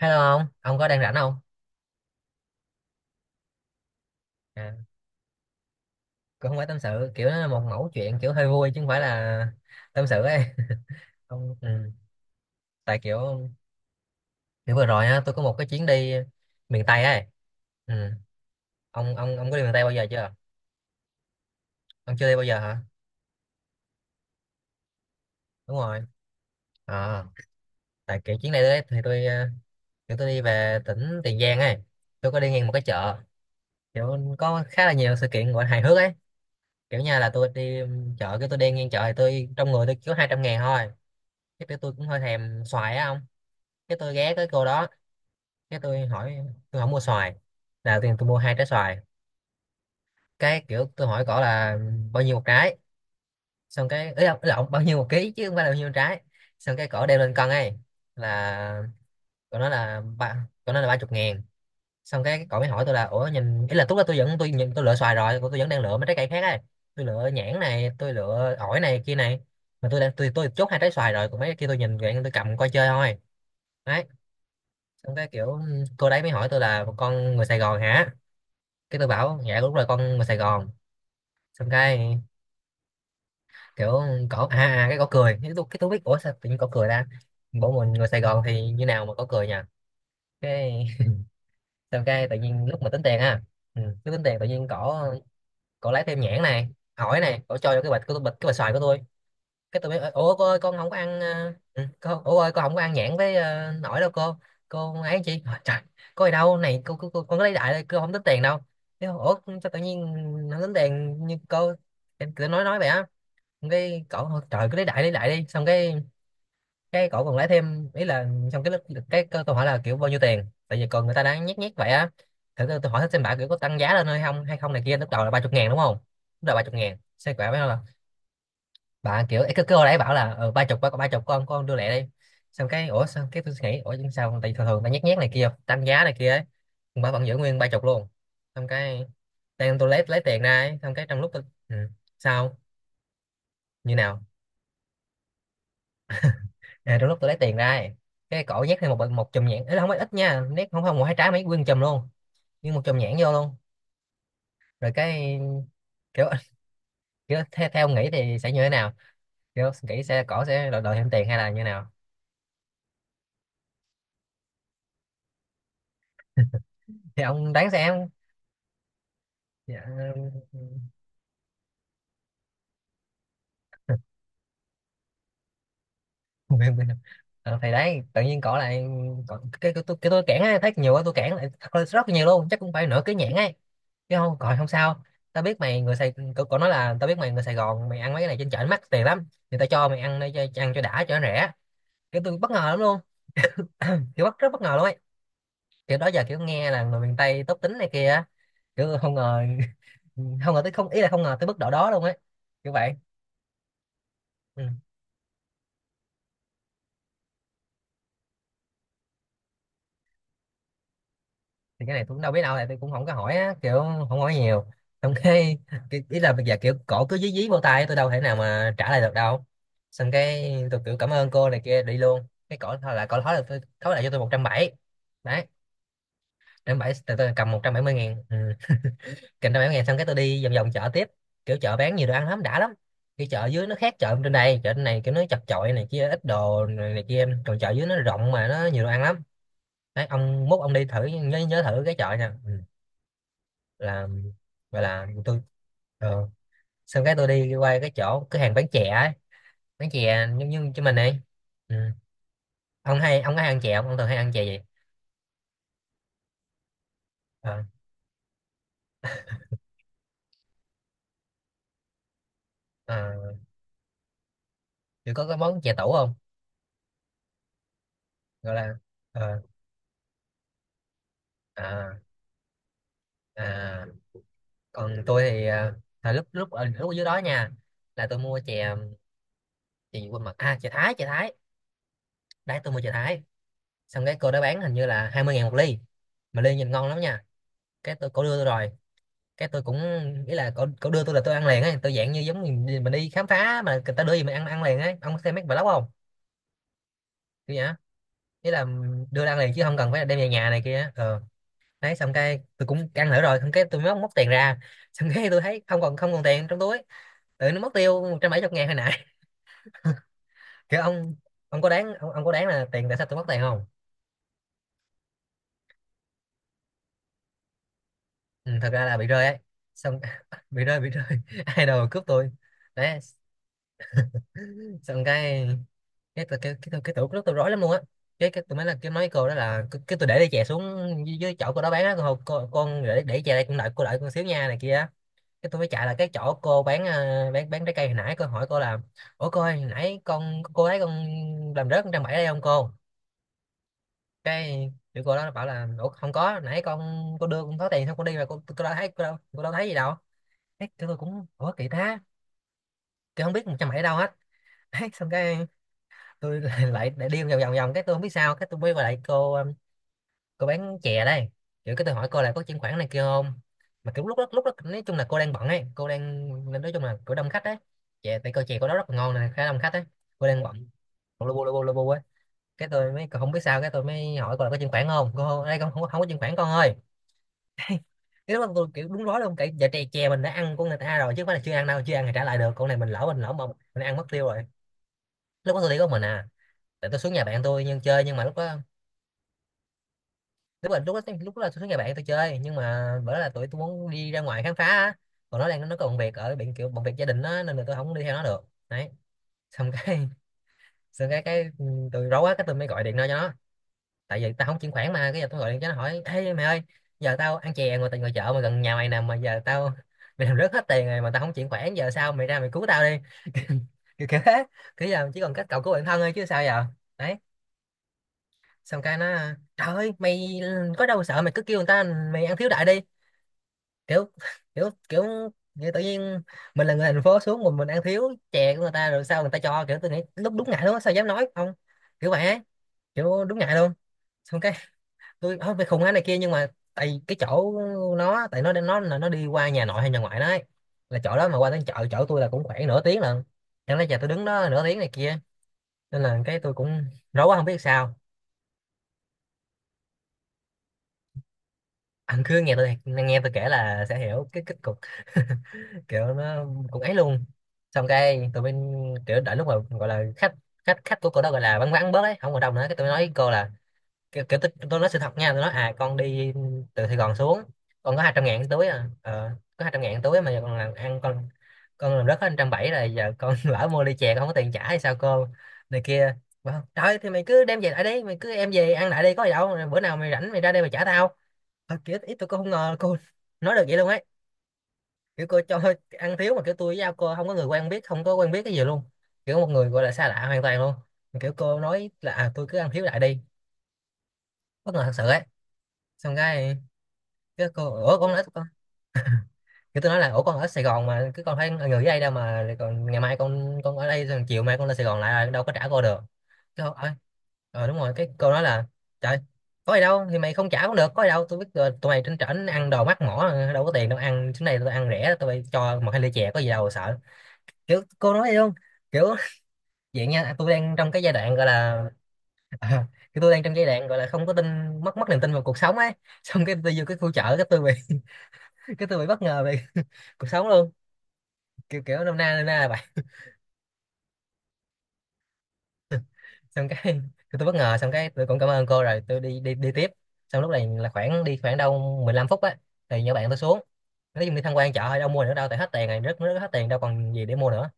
Hello ông có đang rảnh không? À, cũng không phải tâm sự, kiểu nó là một mẫu chuyện kiểu hơi vui chứ không phải là tâm sự ấy. Ông, ừ. Tại kiểu kiểu vừa rồi á, tôi có một cái chuyến đi miền Tây ấy. Ừ. Ông có đi miền Tây bao giờ chưa? Ông chưa đi bao giờ hả? Đúng rồi. À, tại kiểu chuyến này đấy thì tôi ờ, kiểu tôi đi về tỉnh Tiền Giang ấy. Tôi có đi ngang một cái chợ, kiểu có khá là nhiều sự kiện gọi là hài hước ấy. Kiểu như là tôi đi chợ, cái tôi đi ngang chợ thì tôi trong người tôi chỉ có 200 ngàn thôi. Cái tôi cũng hơi thèm xoài á ông, cái tôi ghé tới cô đó, cái tôi hỏi, tôi không mua xoài, là tiền tôi mua hai trái xoài. Cái kiểu tôi hỏi cổ là bao nhiêu một trái, xong cái ấy là ông bao nhiêu một ký chứ không phải là bao nhiêu một trái. Xong cái cổ đeo lên cân ấy, là cổ nói là ba chục ngàn. Xong cái cổ mới hỏi tôi là ủa nhìn, ý là lúc đó tôi vẫn, tôi nhìn tôi lựa xoài rồi, tôi vẫn đang lựa mấy trái cây khác ấy. Tôi lựa nhãn này, tôi lựa ổi này kia này, mà tôi đang, tôi chốt hai trái xoài rồi, còn mấy cái kia tôi nhìn vậy, tôi cầm coi chơi thôi đấy. Xong cái kiểu ừ, cô đấy mới hỏi tôi là con người Sài Gòn hả? Cái tôi bảo dạ đúng rồi, con người Sài Gòn. Xong cái kiểu cổ cái cổ cười, cái tôi biết ủa sao tự nhiên cổ cười ta, bộ mình người Sài Gòn thì như nào mà cổ cười nha. Cái xong cái tự nhiên lúc mà tính tiền á, ừ, lúc tính tiền tự nhiên cổ cổ lấy thêm nhãn này hỏi này, cổ cho vô cái bịch của tôi, bịch cái bịch xoài của tôi. Cái tụi mới ủa cô ơi con không có ăn con ủa ơi con không có ăn nhãn với nổi đâu cô. Cô ấy chị Hỏi, trời có gì đâu này cô, cô con có lấy đại đây cô không tính tiền đâu. Thế ủa sao tự nhiên không tính tiền, như cô em cứ nói vậy á. Xong cái cậu hỏi, trời cứ lấy đại đi, xong cái cậu còn lấy thêm ý là, xong cái lúc- cái tôi hỏi là kiểu bao nhiêu tiền, tại vì còn người ta đang nhét nhét vậy á, thử tôi hỏi xem bà kiểu có tăng giá lên hay không, hay không này kia, lúc đầu là ba chục ngàn đúng không, lúc đầu ba chục ngàn xe quả mới là bà kiểu ấy, cứ cứ hồi nãy bảo là ờ, ba chục, ba ba chục, con đưa lẹ đi. Xong cái ủa, xong cái tôi suy nghĩ ủa nhưng sao tại thường thường ta nhét nhét này kia tăng giá này kia ấy, bà vẫn giữ nguyên ba chục luôn. Xong cái đang tôi lấy tiền ra ấy, xong cái trong lúc tôi, ừ, sao như nào, à, trong lúc tôi lấy tiền ra ấy, cái cổ nhét thêm một một chùm nhãn ấy, là không phải ít nha, nét không không một hai trái mấy, nguyên chùm luôn, nhưng một chùm nhãn vô luôn rồi cái kiểu, kiểu theo ông nghĩ thì sẽ như thế nào, kiểu nghĩ sẽ cổ sẽ đòi, đòi thêm tiền hay là như nào, thì ông đoán xem. Dạ, Nguyên- nguyên- ờ, thì đấy tự nhiên cỏ lại cỏ, cái cái tôi cản ấy, thấy nhiều quá tôi cản lại, thật là rất là nhiều luôn, chắc cũng phải nửa cái nhãn ấy, chứ không còn không sao. Tao biết mày người Sài, cậu nói là tao biết mày người Sài Gòn, mày ăn mấy cái này trên chợ nó mắc tiền lắm, thì tao cho mày ăn đây, cho ăn cho đã, cho nó rẻ. Kiểu tôi bất ngờ lắm luôn, kiểu bất rất bất ngờ luôn ấy, kiểu đó giờ kiểu nghe là người miền Tây tốt tính này kia á, kiểu không ngờ, không ngờ tới, không, ý là không ngờ tới mức độ đó luôn ấy, kiểu vậy. Ừ. Thì cái này tôi cũng đâu biết đâu, tại tôi cũng không có hỏi á, kiểu không hỏi nhiều. Xong cái ý là bây giờ kiểu cổ cứ dí dí vô tay tôi, đâu thể nào mà trả lại được đâu. Xong cái tôi kiểu cảm ơn cô này kia đi luôn, cái cổ thôi là cổ thói là tôi thói lại cho tôi một trăm bảy mươi, đấy, trăm bảy tôi cầm một trăm bảy mươi ngàn, ừ. Cầm trăm bảy mươi ngàn, xong cái tôi đi vòng vòng chợ tiếp, kiểu chợ bán nhiều đồ ăn lắm, đã lắm. Cái chợ dưới nó khác chợ trên đây, chợ trên này kiểu nó chật chội này kia, ít đồ này, này kia, còn chợ dưới nó rộng mà nó nhiều đồ ăn lắm đấy. Ông mốt ông đi thử, nhớ nhớ thử cái chợ nha. Ừ. Là, gọi là tôi ờ, xong cái tôi đi qua cái chỗ cửa hàng bán chè ấy, bán chè giống như cho mình ấy, ừ. Ông hay ông có hay ăn chè không, ông thường hay ăn chè gì? Ờ, ờ, kiểu có cái món chè tủ không, gọi là ờ, à, à. Còn tôi thì à, à, lúc lúc ở dưới đó nha, là tôi mua chè, chè gì quên mặt, à chè Thái, chè Thái đấy, tôi mua chè Thái. Xong cái cô đó bán hình như là 20 ngàn một ly, mà ly nhìn ngon lắm nha. Cái tôi cô đưa tôi rồi, cái tôi cũng nghĩ là cậu đưa tôi là tôi ăn liền ấy, tôi dạng như giống mình đi khám phá mà người ta đưa gì mình ăn ăn liền ấy, ông có xem mấy vlog không, kiểu nhá, nghĩa là đưa ra ăn liền chứ không cần phải đem về nhà này kia ờ. Đấy xong cái tôi cũng ăn thử rồi, xong cái tôi mới móc tiền ra, xong cái tôi thấy không còn, không còn tiền trong túi, tự nó mất tiêu 170 ngàn hồi nãy. Kiểu ông, ông có đáng là tiền, tại sao tôi mất tiền không? Ừ, thật ra là bị rơi ấy, xong, bị rơi, ai đâu cướp tôi. Đấy xong cái, tủ rất tôi rối lắm luôn á. Cái tôi mới là cái nói với cô đó là cái tôi để ly chè xuống dưới, dưới chỗ cô đó bán á, cô con để chè đây cũng, đợi cô, đợi con xíu nha này kia á. Cái tôi mới chạy là cái chỗ cô bán bán trái cây hồi nãy, cô hỏi cô là ủa cô ơi hồi nãy con, cô ấy con làm rớt con trăm bảy đây không cô? Cái thì cô đó bảo là ủa không có, nãy con cô đưa con có tiền xong con đi mà, cô đâu thấy, cô đâu, cô đâu thấy gì đâu. Cái tụi tôi cũng ủa kỳ ta, tôi không biết một trăm bảy đâu hết. Đấy, xong cái tôi lại lại đi vòng vòng vòng cái tôi không biết sao, cái tôi mới gọi lại cô bán chè đây, kiểu cái tôi hỏi cô là có chuyển khoản này kia không, mà kiểu lúc đó nói chung là cô đang bận ấy, cô đang, nói chung là cô đông khách ấy, chè tại cô chè cô đó rất là ngon này, khá đông khách ấy, cô đang bận, lô bu ấy. Cái tôi mới không biết sao, cái tôi mới hỏi cô là có chuyển khoản không cô đây, không không, có- không có chuyển khoản con ơi. Cái lúc đó tôi kiểu đúng rối luôn, cái dạ chè, chè mình đã ăn của người ta rồi chứ không phải là chưa ăn đâu, chưa ăn thì trả lại được con này, mình lỡ mà mình ăn mất tiêu rồi. Lúc đó tôi đi có mình à, tại tôi xuống nhà bạn tôi nhưng chơi, nhưng mà lúc đó, đúng rồi lúc đó, lúc đó là tôi với người bạn tôi chơi, nhưng mà bữa đó là tụi tôi muốn đi ra ngoài khám phá á. Còn nó có bận việc ở bệnh, kiểu bận việc gia đình á, nên là tôi không đi theo nó được. Đấy. Xong cái xong tôi rối quá, cái tôi mới gọi điện ra cho nó. Tại vì tao không chuyển khoản mà, cái giờ tôi gọi điện cho nó hỏi ê mày ơi, giờ tao ăn chè ngoài, tại ngoài chợ mà gần nhà mày nè, mà giờ tao mày làm rớt hết tiền rồi mà tao không chuyển khoản, giờ sao mày ra mày cứu tao đi. kiểu kiểu thế, kiểu giờ chỉ còn cách cậu cứu bản thân thôi chứ sao giờ. Đấy. Xong cái nó trời ơi mày có đâu sợ, mày cứ kêu người ta mày ăn thiếu đại đi. Kiểu kiểu kiểu như tự nhiên mình là người thành phố xuống, mình ăn thiếu chè của người ta, rồi sao người ta cho? Kiểu tôi nghĩ lúc đúng ngại luôn á, sao dám nói không. Kiểu vậy ấy, kiểu đúng ngại luôn. Xong cái tôi không phải khùng á này kia, nhưng mà tại cái chỗ nó, tại nó đi qua nhà nội hay nhà ngoại nó ấy, là chỗ đó mà qua đến chợ chỗ tôi là cũng khoảng nửa tiếng lận. Chẳng lẽ giờ tôi đứng đó nửa tiếng này kia, nên là cái tôi cũng rối quá không biết sao. Anh cứ nghe tôi kể là sẽ hiểu cái kết cục. Kiểu nó cũng ấy luôn. Xong cái tụi bên, kiểu đợi lúc mà gọi là khách, khách của cô đó gọi là vắng vắng bớt ấy, không còn đông nữa, cái tôi nói với cô là, kiểu tôi nói sự thật nha, tôi nói à con đi từ Sài Gòn xuống, con có 200 ngàn túi à ờ, có 200 ngàn túi mà giờ con làm ăn con làm rớt hết 170 rồi giờ con lỡ mua ly chè con không có tiền trả hay sao cô này kia. Bảo, trời ơi, thì mày cứ đem về lại đi, mày cứ em về ăn lại đi có gì đâu, rồi bữa nào mày rảnh mày ra đây mày trả tao. Thật kiểu ít tôi cũng không ngờ là cô nói được vậy luôn ấy. Kiểu cô cho ăn thiếu mà kiểu tôi với nhau cô không có người quen biết, không có quen biết cái gì luôn, kiểu một người gọi là xa lạ hoàn toàn luôn. Mà kiểu cô nói là à, tôi cứ ăn thiếu lại đi. Bất ngờ thật sự ấy. Xong cái cô ủa con ở con, kiểu tôi nói là ủa con ở Sài Gòn mà, cứ con thấy người ở đây đâu mà, rồi còn ngày mai con ở đây rồi chiều mai con lên Sài Gòn lại đâu có trả cô được. Cái, ờ đúng rồi cái câu đó là trời có gì đâu thì mày không trả cũng được, có gì đâu tôi biết rồi, tụi mày trên trển ăn đồ mắc mỏ đâu có tiền, đâu ăn chỗ này tôi ăn rẻ, tụi mày cho một hai ly chè có gì đâu sợ. Kiểu cô nói vậy luôn. Kiểu vậy nha, tôi đang trong cái giai đoạn gọi là à, cái tôi đang trong giai đoạn gọi là không có tin, mất mất niềm tin vào cuộc sống ấy. Xong cái tôi vô cái khu chợ, cái tôi bị cái tôi bị bất ngờ về cuộc sống luôn. Kiểu kiểu năm nay là vậy. Xong cái tôi bất ngờ, xong cái tôi cũng cảm ơn cô rồi tôi đi đi đi tiếp. Xong lúc này là khoảng đi khoảng 15 phút á thì nhỏ bạn tôi xuống. Nói chung đi tham quan chợ thôi đâu mua nữa đâu, tại hết tiền rồi, rất rất hết tiền đâu còn gì để mua nữa.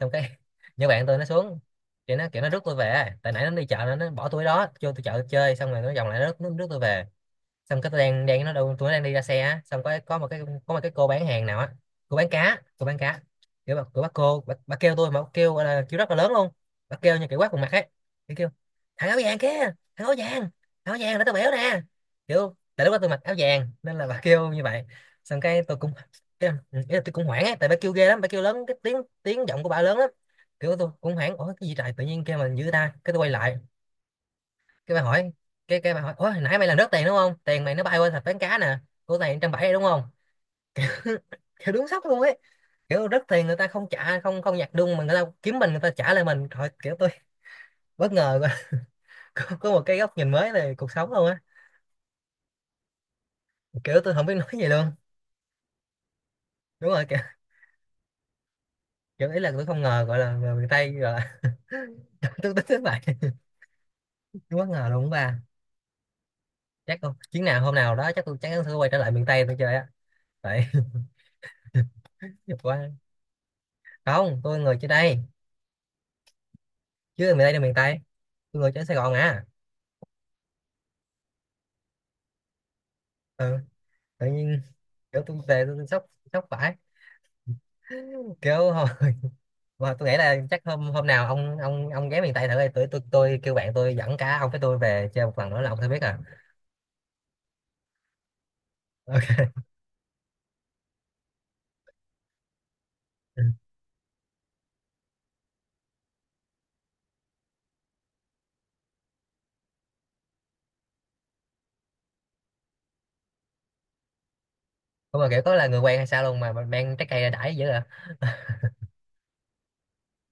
Xong cái nhỏ bạn tôi nó xuống, thì nó kiểu nó rước tôi về, tại nãy nó đi chợ nó bỏ tôi đó vô tôi chợ chơi, xong rồi nó vòng lại nó rước tôi về. Xong cái tôi đang đang nó đâu, tôi đang đi ra xe á, xong có một cái, có một cái cô bán hàng nào á, cô bán cá. Kiểu bà kêu tôi mà bà kêu gọi là kêu rất là lớn luôn, bà kêu như kiểu quát vào mặt ấy. Kiểu kêu thằng áo vàng kia, thằng áo vàng, thằng áo vàng để tao béo nè. Kiểu tại lúc đó tôi mặc áo vàng nên là bà kêu như vậy. Xong cái tôi cũng cái, ừ, ý là tôi cũng hoảng ấy, tại bà kêu ghê lắm, bà kêu lớn cái tiếng, tiếng giọng của bà lớn lắm. Kiểu tôi cũng hoảng ủa cái gì trời tự nhiên kêu mình dữ ta, cái tôi quay lại. Cái bà hỏi, cái bà hỏi ủa hồi nãy mày làm rớt tiền đúng không, tiền mày nó bay qua thạch bán cá nè, của này trăm bảy đúng không. Kiểu đúng sốc luôn ấy, kiểu rớt tiền người ta không trả, không không nhặt đung mà người ta kiếm mình, người ta trả lại mình thôi. Kiểu tôi bất ngờ quá. Có một cái góc nhìn mới về cuộc sống luôn á. Kiểu tôi không biết nói gì luôn. Đúng rồi, kiểu ý là tôi không ngờ gọi là người miền Tây gọi là tôi tính đến vậy. Bất ngờ luôn ba. Chắc không chuyến nào hôm nào đó chắc tôi chắc chắn sẽ quay trở lại miền Tây tôi chơi á. Tại quá. Không tôi người trên đây, chứ miền Tây là miền Tây, tôi người trên Sài Gòn à. Ừ, tự nhiên kiểu tôi về tôi sốc, sốc phải, kiểu hồi-. Mà tôi nghĩ là chắc hôm hôm nào ông ghé miền Tây thử đi. Tôi kêu bạn tôi dẫn cả ông với tôi về chơi một lần nữa là ông sẽ biết à. Ok. Không mà kiểu có là người quen hay sao luôn mà mang trái cây ra đãi dữ à.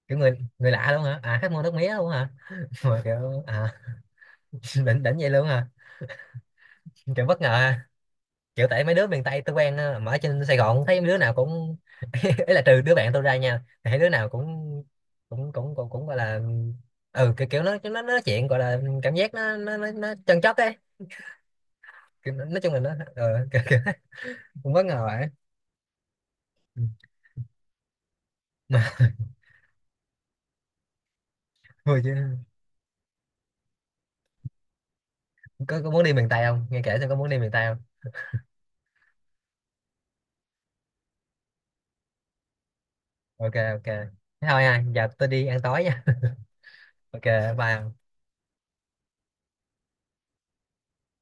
Kiểu người người lạ luôn hả, à khách mua nước mía luôn hả. Mà kiểu à. đỉnh đỉnh vậy luôn hả. Kiểu bất ngờ ha. Kiểu tại mấy đứa miền Tây tôi quen ờ, mà ở trên Sài Gòn thấy mấy đứa nào cũng ấy, là trừ đứa bạn tôi ra nha, thì thấy đứa nào cũng cũng gọi là ừ kiểu, kiểu nó nói chuyện gọi là cảm giác nó chân chất ấy. Kiểu, nói chung là nó ờ, kiểu, kiểu, cũng bất ngờ ấy. Ừ. Mà thôi chứ, có muốn đi miền Tây không, nghe kể xem có muốn đi miền Tây không. Ok ok Thế thôi à giờ tôi đi ăn tối nha. Ok. Bye.